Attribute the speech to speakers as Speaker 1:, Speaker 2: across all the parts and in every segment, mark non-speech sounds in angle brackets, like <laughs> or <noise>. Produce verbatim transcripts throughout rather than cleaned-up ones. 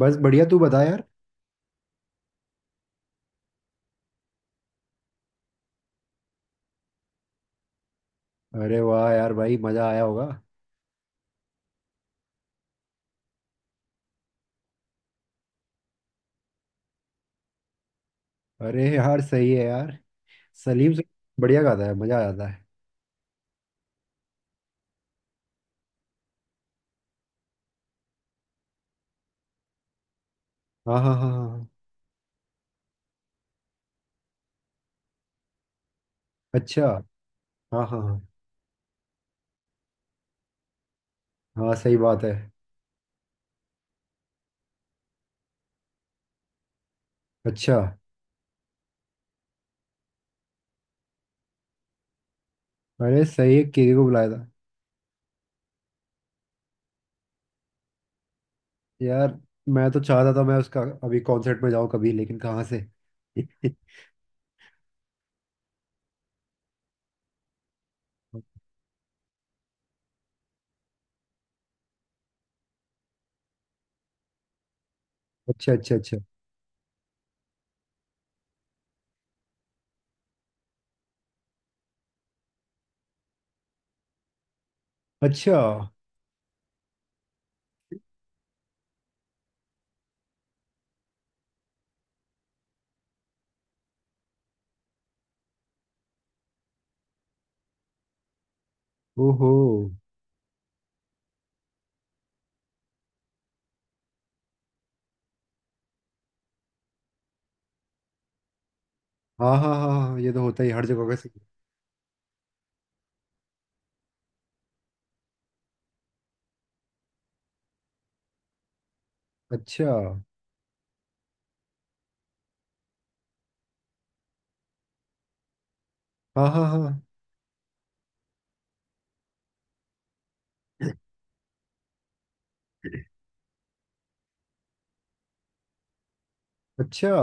Speaker 1: बस बढ़िया। तू बता यार। अरे वाह यार, भाई मजा आया होगा। अरे यार, सही है यार। सलीम से। बढ़िया गाता है, मजा आ जाता है। हाँ हाँ हाँ हाँ हाँ। अच्छा। हाँ हाँ हाँ हाँ। सही बात है। अच्छा। अरे सही है, केके को बुलाया था। यार, मैं तो चाहता था मैं उसका अभी कॉन्सर्ट में जाऊँ कभी, लेकिन कहाँ से। <laughs> अच्छा अच्छा अच्छा। अच्छा। ओहो। हाँ हाँ हाँ हाँ, ये तो होता ही हर जगह का सीन। अच्छा। हाँ हाँ हाँ। अच्छा।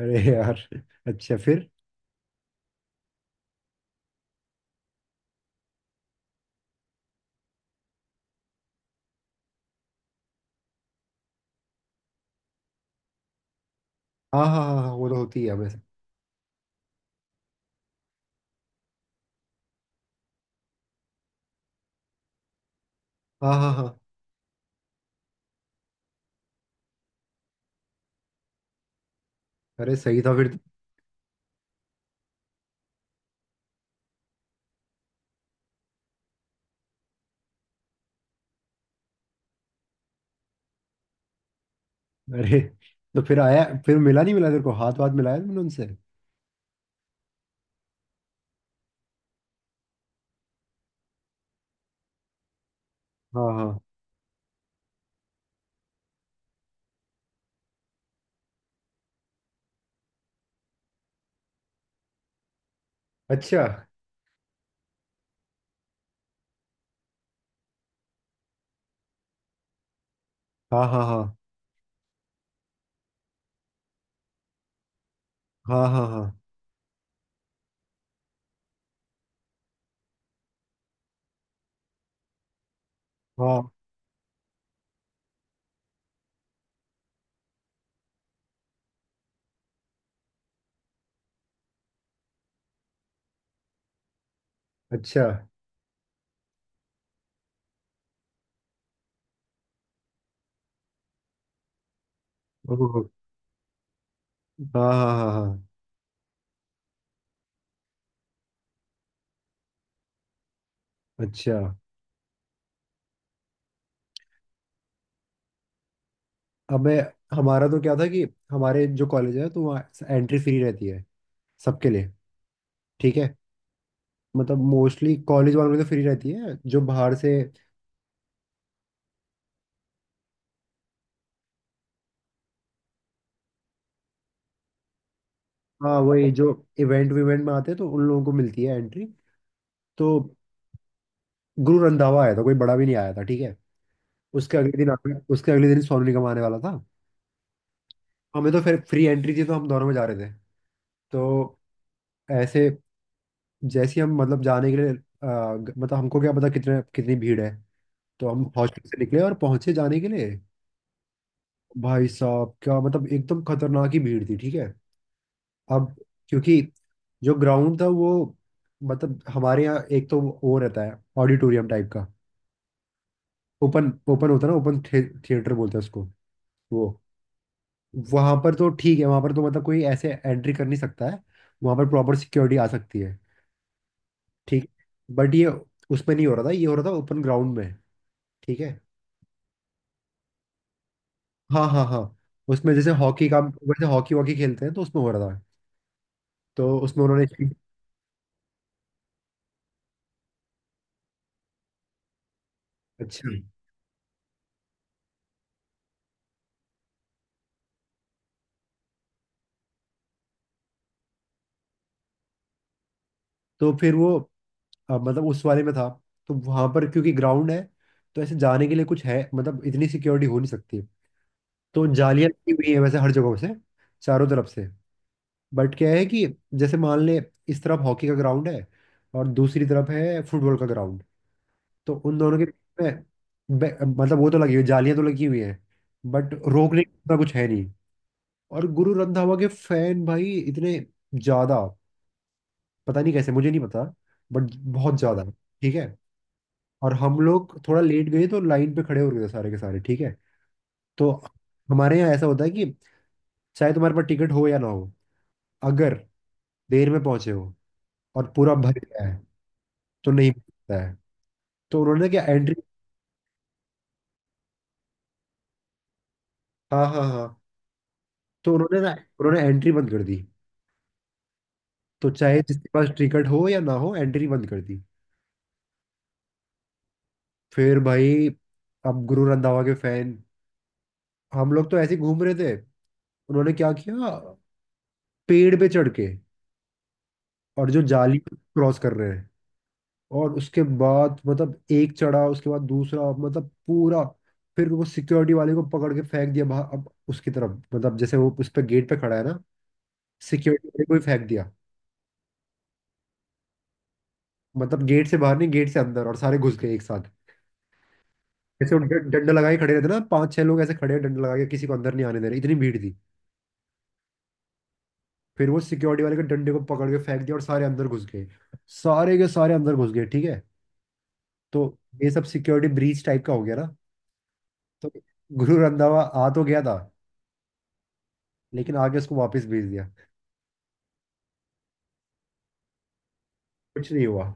Speaker 1: अरे यार। अच्छा, फिर? हाँ हाँ हाँ हाँ, वो तो होती है वैसे। हाँ हाँ हाँ। अरे सही था फिर तो। अरे। तो फिर आया? फिर मिला नहीं मिला? तेरे को हाथ वाथ मिलाया तुमने उनसे? हाँ हाँ। अच्छा। हाँ हाँ हाँ हाँ। हाँ हाँ हाँ। अच्छा। ओह, हाँ हाँ हाँ हाँ। अच्छा। अब मैं हमारा तो क्या था कि हमारे जो कॉलेज है तो वहाँ एंट्री फ्री रहती है, सबके लिए। ठीक है। मतलब मोस्टली कॉलेज वालों की तो फ्री रहती है, जो बाहर से। हाँ, वही जो इवेंट विवेंट में आते हैं तो उन लोगों को मिलती है एंट्री। तो गुरु रंधावा आया था, कोई बड़ा भी नहीं आया था, ठीक है। उसके अगले दिन आने- उसके अगले दिन सोनू निगम आने वाला था। हमें तो फिर फ्री एंट्री थी तो हम दोनों में जा रहे थे। तो ऐसे, जैसे ही हम, मतलब जाने के लिए, अ, ग- मतलब हमको क्या पता कितने कितनी भीड़ है। तो हम हॉस्टल से निकले और पहुंचे जाने के लिए। भाई साहब, क्या मतलब एकदम खतरनाक ही भीड़ थी, ठीक है। अब क्योंकि जो ग्राउंड था वो, मतलब हमारे यहाँ एक तो वो रहता है ऑडिटोरियम टाइप का। ओपन ओपन होता है ना, ओपन थिएटर बोलते हैं उसको। वो वहां पर तो ठीक है, वहां पर तो मतलब कोई ऐसे एंट्री कर नहीं सकता है। वहां पर प्रॉपर सिक्योरिटी आ सकती है। ठीक। बट ये उसमें नहीं हो रहा था, ये हो रहा था ओपन ग्राउंड में, ठीक है। हाँ हाँ हाँ। उसमें जैसे हॉकी का, वैसे हॉकी वॉकी खेलते हैं तो उसमें हो रहा था। तो उसमें उन्होंने अच्छा। तो फिर वो, अ, मतलब उस वाले में था। तो वहां पर क्योंकि ग्राउंड है, तो ऐसे जाने के लिए कुछ है मतलब, इतनी सिक्योरिटी हो नहीं सकती। तो जालियां लगी हुई है वैसे हर जगह से, चारों तरफ से। बट क्या है कि जैसे मान ले, इस तरफ हॉकी का ग्राउंड है और दूसरी तरफ है फुटबॉल का ग्राउंड। तो उन दोनों के बीच में बे- मतलब वो तो लगी हुई, जालियां तो लगी हुई हैं, बट रोकने का कुछ है नहीं। और गुरु रंधावा के फैन भाई, इतने ज्यादा पता नहीं कैसे, मुझे नहीं पता, बट बहुत ज्यादा, ठीक है। और हम लोग थोड़ा लेट गए तो लाइन पे खड़े हो गए थे सारे के सारे, ठीक है। तो हमारे यहाँ ऐसा होता है कि चाहे तुम्हारे पास टिकट हो या ना हो, अगर देर में पहुंचे हो और पूरा भर गया है, तो नहीं मिलता है। तो उन्होंने क्या एंट्री। हाँ हाँ हाँ। तो उन्होंने ना, उन्होंने एंट्री बंद कर दी। तो चाहे जिसके पास टिकट हो या ना हो, एंट्री बंद रंधावा कर दी। फिर भाई, अब गुरु रंधावा के फैन, हम लोग तो ऐसे ही घूम रहे थे, उन्होंने क्या किया, पेड़ पे चढ़ के और जो जाली क्रॉस कर रहे हैं। और उसके बाद मतलब एक चढ़ा, उसके बाद दूसरा, मतलब पूरा। फिर वो सिक्योरिटी वाले को पकड़ के फेंक दिया बाहर। अब उसकी तरफ मतलब जैसे वो उस पे गेट पे खड़ा है ना, सिक्योरिटी वाले को ही फेंक दिया। मतलब गेट से बाहर नहीं, गेट से अंदर, और सारे घुस गए एक साथ। ऐसे वो ड- डंडा लगा के खड़े रहते ना, पांच छह लोग ऐसे खड़े हैं डंडा लगा के, किसी को अंदर नहीं आने दे रहे, इतनी भीड़ थी। फिर वो सिक्योरिटी वाले के डंडे को पकड़ के फेंक दिया और सारे अंदर घुस गए। सारे के सारे अंदर घुस गए, ठीक है। तो ये सब सिक्योरिटी ब्रीच टाइप का हो गया ना। तो गुरु रंधावा आ तो गया था, लेकिन आगे उसको वापस भेज दिया। कुछ नहीं हुआ।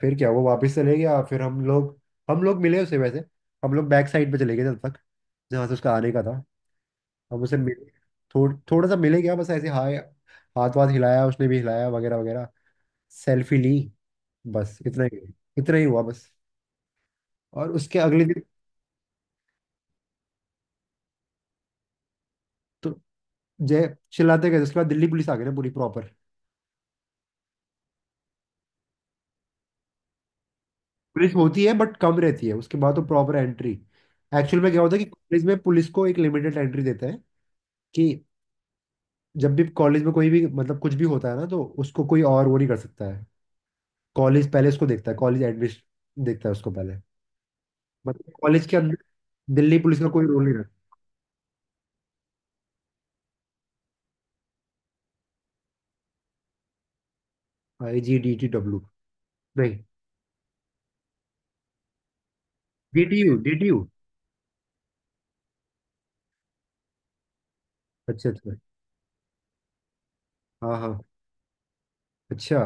Speaker 1: फिर क्या, वो वापस चले गया। फिर हम लोग, हम लोग मिले उसे वैसे। हम लोग बैक साइड पे चले गए, जब तक जहाँ से उसका आने का था। अब उसे मिले, थोड़, थोड़ा सा मिले क्या, बस ऐसे हाय, हाथ वाथ हिलाया, उसने भी हिलाया वगैरह वगैरह, सेल्फी ली, बस इतना ही। इतना ही हुआ बस। और उसके अगले दिन, तो जय चिल्लाते गए, उसके बाद दिल्ली पुलिस आ गई ना, पूरी प्रॉपर। पुलिस होती है बट कम रहती है, उसके बाद तो प्रॉपर एंट्री। एक्चुअल में क्या होता है कि कॉलेज में पुलिस को एक लिमिटेड एंट्री देते हैं कि जब भी कॉलेज में कोई भी मतलब कुछ भी होता है ना, तो उसको कोई और वो नहीं कर सकता है। कॉलेज पहले उसको देखता है, कॉलेज एडमिशन देखता है उसको पहले। मतलब कॉलेज के अंदर दिल्ली पुलिस का कोई रोल नहीं। I G D T W. नहीं। D T U D T U. अच्छा अच्छा। हाँ हाँ। अच्छा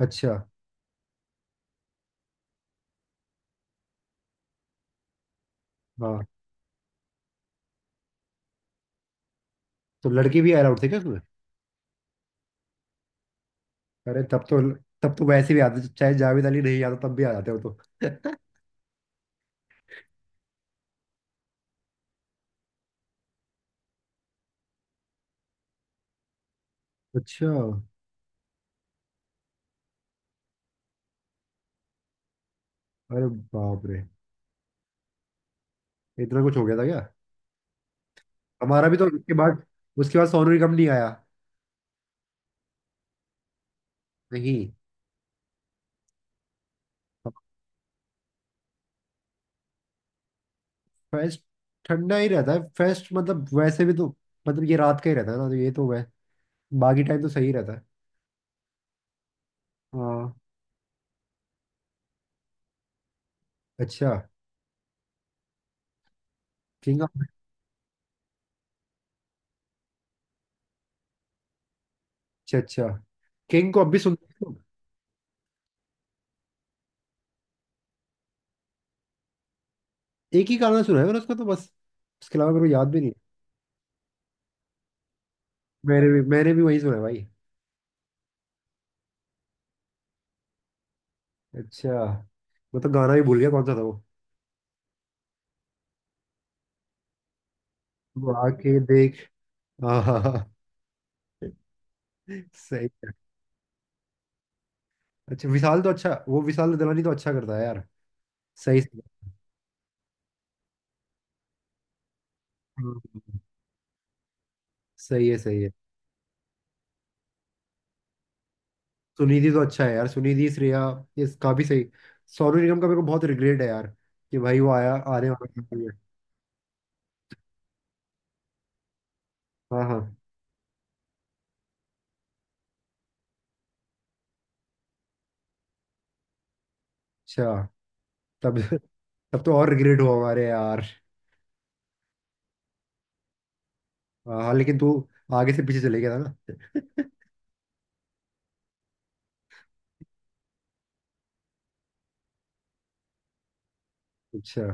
Speaker 1: अच्छा। हाँ। तो लड़के भी अलाउड थे क्या उसमें? अरे तब तो, तब तो वैसे भी आते, चाहे जावेद अली नहीं आता तब भी आ जाते हो तो। <laughs> अच्छा। अरे बाप रे, इतना कुछ हो गया था क्या? हमारा भी तो उसके बाद उसके बाद सोनू निगम नहीं आया। नहीं। फेस्ट ठंडा ही रहता है फेस्ट, मतलब वैसे भी तो, मतलब ये रात का ही रहता है ना, तो ये तो वै बाकी टाइम तो सही रहता है। हाँ। अच्छा। किंग। अच्छा अच्छा। किंग को अब भी सुन? एक ही गाना सुना है मैंने उसका, तो बस। उसके अलावा मेरे को याद भी नहीं है। मैंने भी मैंने भी वही सुना है भाई। अच्छा। मैं तो गाना भी भूल गया, कौन सा था वो। वो आके देख, हाँ हाँ हाँ, सही है। अच्छा विशाल तो अच्छा, वो विशाल दलानी तो अच्छा करता है यार। सही सही। हाँ, सही है सही है। सुनिधि तो अच्छा है यार, सुनिधि श्रेया, इसका भी सही। सोनू निगम का मेरे को बहुत रिग्रेट है यार, कि भाई वो आया आने वाला था। हाँ हाँ। अच्छा। तब तब तो और रिग्रेट हुआ हमारे यार। हाँ हाँ, लेकिन तू आगे से पीछे चले गया था ना। <laughs> अच्छा।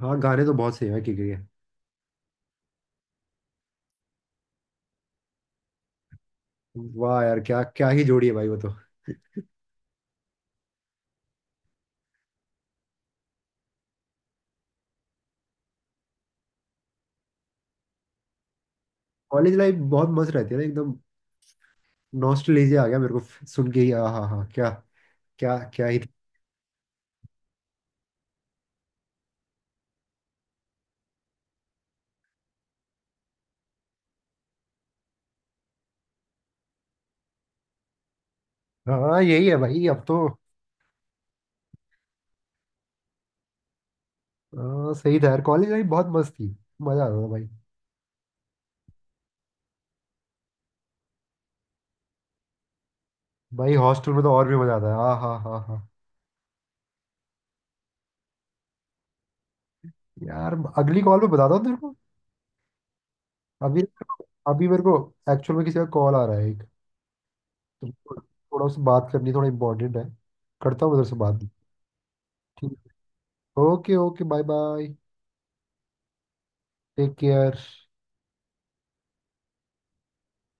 Speaker 1: हाँ, गाने तो बहुत सही है के के। वाह यार, क्या क्या ही जोड़ी है भाई वो तो। कॉलेज लाइफ बहुत मस्त रहती है ना एकदम। नॉस्टैल्जिया आ गया मेरे को सुन के ही। हाँ हाँ हाँ, क्या, क्या क्या ही। हाँ, यही है भाई अब तो। हाँ, सही था यार, कॉलेज लाइफ बहुत मस्त थी। मजा आता था भाई। भाई हॉस्टल में तो और भी मजा आता है, हाँ हाँ हाँ हाँ। यार अगली कॉल पे बताता हूँ तेरे को। अभी, अभी मेरे को, एक्चुअल में किसी का कॉल आ रहा है एक, तो थोड़ा उससे बात करनी, थोड़ा इंपॉर्टेंट है, करता हूँ उधर से बात। Okay okay, bye bye. Take care.